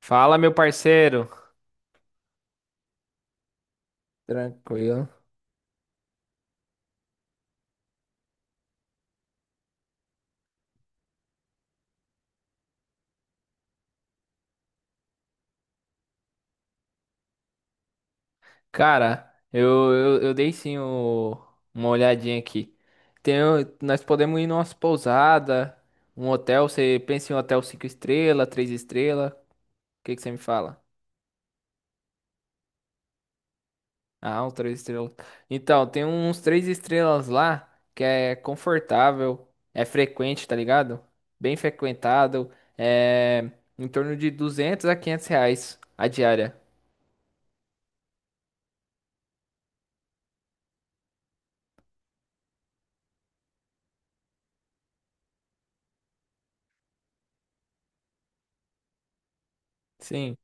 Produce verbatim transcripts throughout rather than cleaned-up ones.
Fala, meu parceiro. Tranquilo. Cara, eu, eu, eu dei sim o- uma olhadinha aqui. Tem, o- nós podemos ir numa pousada, um hotel. Você pensa em um hotel cinco estrelas, três estrelas? O que que você me fala? Ah, um três estrelas. Então, tem uns três estrelas lá que é confortável, é frequente, tá ligado? Bem frequentado, é em torno de duzentos a quinhentos reais a diária. Sim.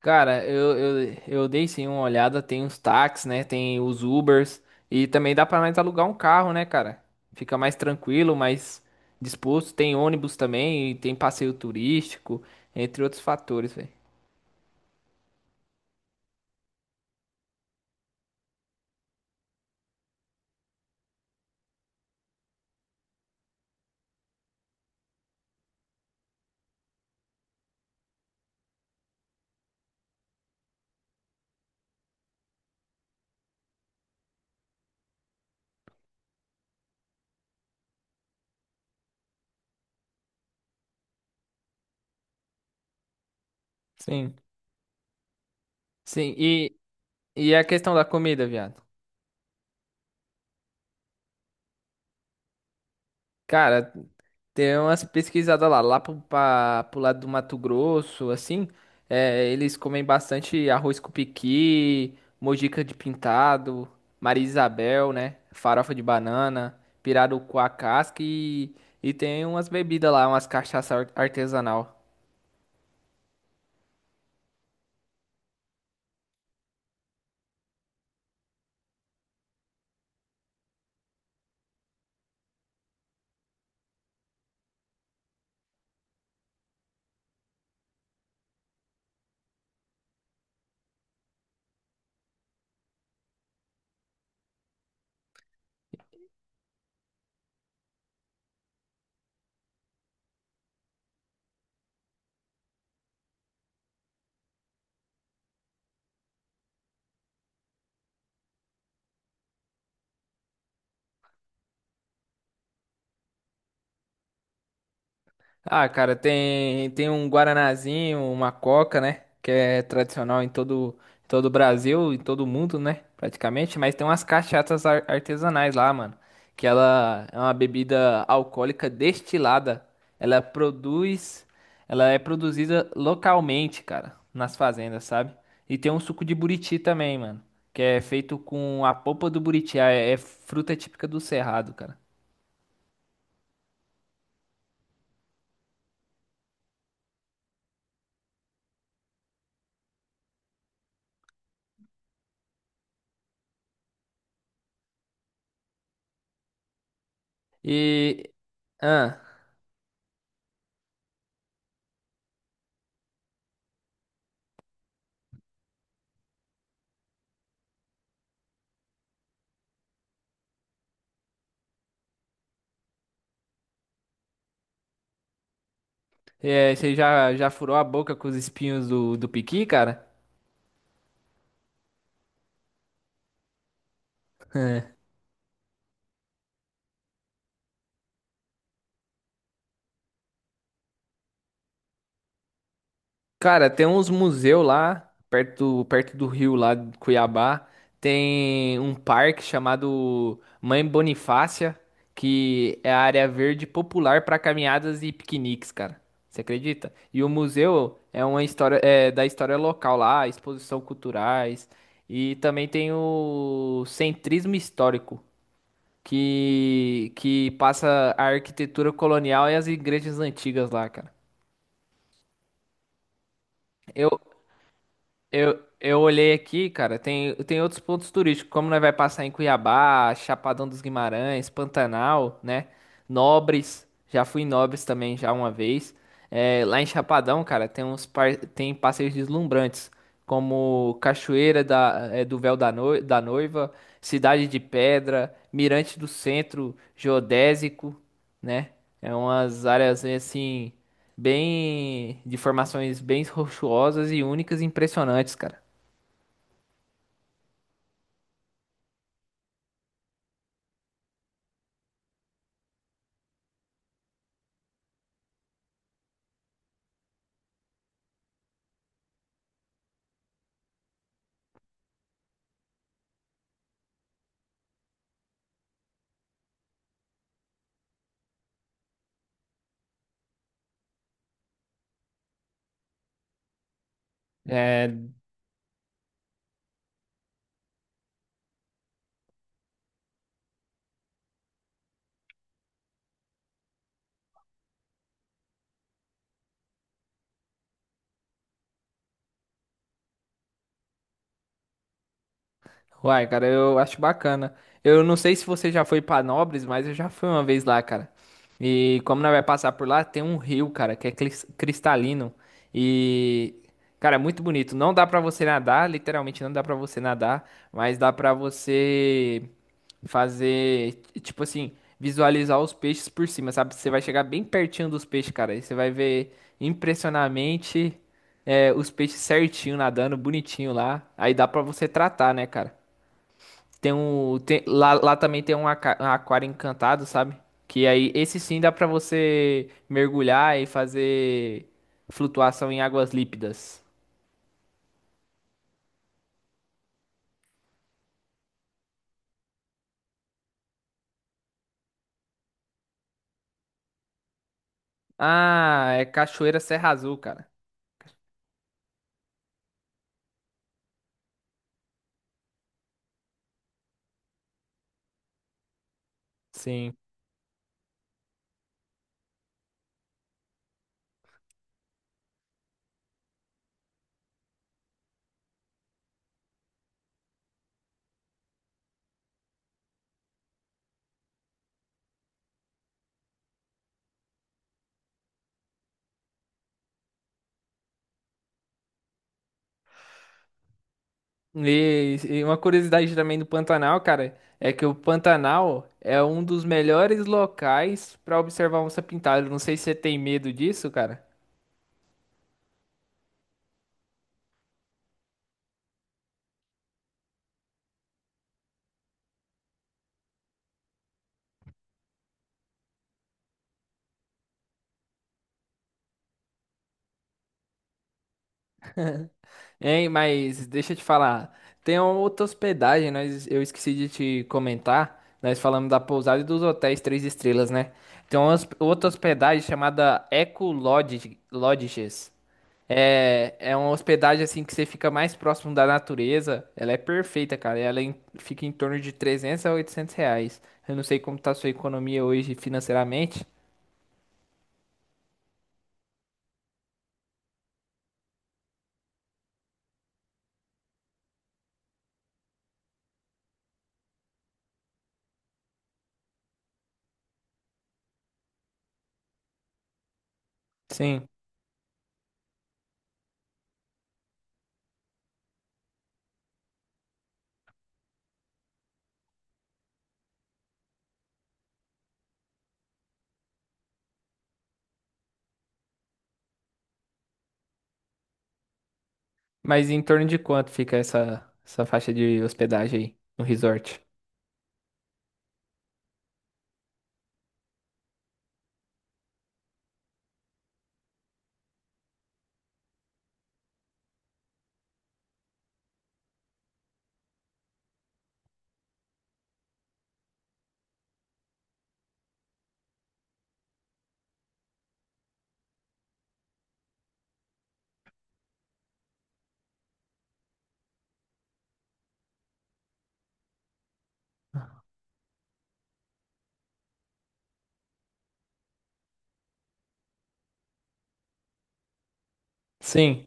Cara, eu, eu, eu dei sim uma olhada, tem os táxis, né? Tem os Ubers. E também dá pra nós alugar um carro, né, cara? Fica mais tranquilo, mais disposto. Tem ônibus também, e tem passeio turístico, entre outros fatores, velho. Sim. Sim, e, e a questão da comida, viado? Cara, tem umas pesquisadas lá, lá pro, pra, pro lado do Mato Grosso, assim, é, eles comem bastante arroz com piqui, mojica de pintado, Maria Isabel, né? Farofa de banana, pirarucu à casca e, e tem umas bebidas lá, umas cachaça ar- artesanal. Ah, cara, tem, tem um guaranazinho, uma coca, né? Que é tradicional em todo, todo o Brasil, em todo o mundo, né? Praticamente. Mas tem umas cachaças ar- artesanais lá, mano. Que ela é uma bebida alcoólica destilada. Ela produz, Ela é produzida localmente, cara, nas fazendas, sabe? E tem um suco de buriti também, mano. Que é feito com a polpa do buriti. É, é fruta típica do Cerrado, cara. E. Ah. É, você já, já furou a boca com os espinhos do, do piqui, cara? É. Cara, tem uns museus lá, perto, do- perto do rio lá de Cuiabá. Tem um parque chamado Mãe Bonifácia, que é a área verde popular para caminhadas e piqueniques, cara. Você acredita? E o museu é uma história é, da história local lá, exposição culturais. E também tem o centrismo histórico, que, que passa a arquitetura colonial e as igrejas antigas lá, cara. Eu, Eu, eu olhei aqui, cara, tem, tem outros pontos turísticos, como nós vai passar em Cuiabá, Chapadão dos Guimarães, Pantanal, né? Nobres, já fui em Nobres também já uma vez. É, lá em Chapadão, cara, tem uns par- tem passeios deslumbrantes, como Cachoeira da, é, do Véu da, Noi- da Noiva, Cidade de Pedra, Mirante do Centro, Geodésico, né? É umas áreas assim bem de formações bem rochosas e únicas e impressionantes, cara. É. Uai, cara, eu acho bacana. Eu não sei se você já foi pra Nobres, mas eu já fui uma vez lá, cara. E como nós vai passar por lá, tem um rio, cara, que é clis- cristalino. E, cara, é muito bonito. Não dá pra você nadar, literalmente não dá pra você nadar, mas dá pra você fazer, t- tipo assim, visualizar os peixes por cima, sabe? Você vai chegar bem pertinho dos peixes, cara, e você vai ver impressionamente é, os peixes certinho nadando, bonitinho lá. Aí dá pra você tratar, né, cara? Tem um. tem- lá, lá também tem um aca- um aquário encantado, sabe? Que aí, esse sim dá pra você mergulhar e fazer flutuação em águas lípidas. Ah, é Cachoeira Serra Azul, cara. Sim. E, e uma curiosidade também do Pantanal, cara, é que o Pantanal é um dos melhores locais pra observar onça-pintada. Não sei se você tem medo disso, cara. Hein, mas deixa eu te falar. Tem uma outra hospedagem, nós, eu esqueci de te comentar. Nós falamos da pousada e dos hotéis três estrelas, né? Tem uma hosp- outra hospedagem chamada Eco Lodge, Lodges. É, é uma hospedagem assim que você fica mais próximo da natureza. Ela é perfeita, cara. Ela é em- fica em torno de trezentos a oitocentos reais. Eu não sei como tá a sua economia hoje financeiramente. Sim. Mas em torno de quanto fica essa, essa faixa de hospedagem aí no resort? Sim.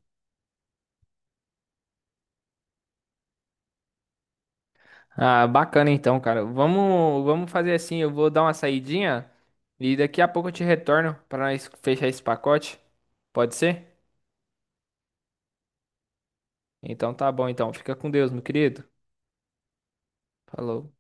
Ah, bacana então, cara. Vamos, vamos fazer assim, eu vou dar uma saidinha e daqui a pouco eu te retorno para nós fechar esse pacote. Pode ser? Então tá bom então. Fica com Deus, meu querido. Falou.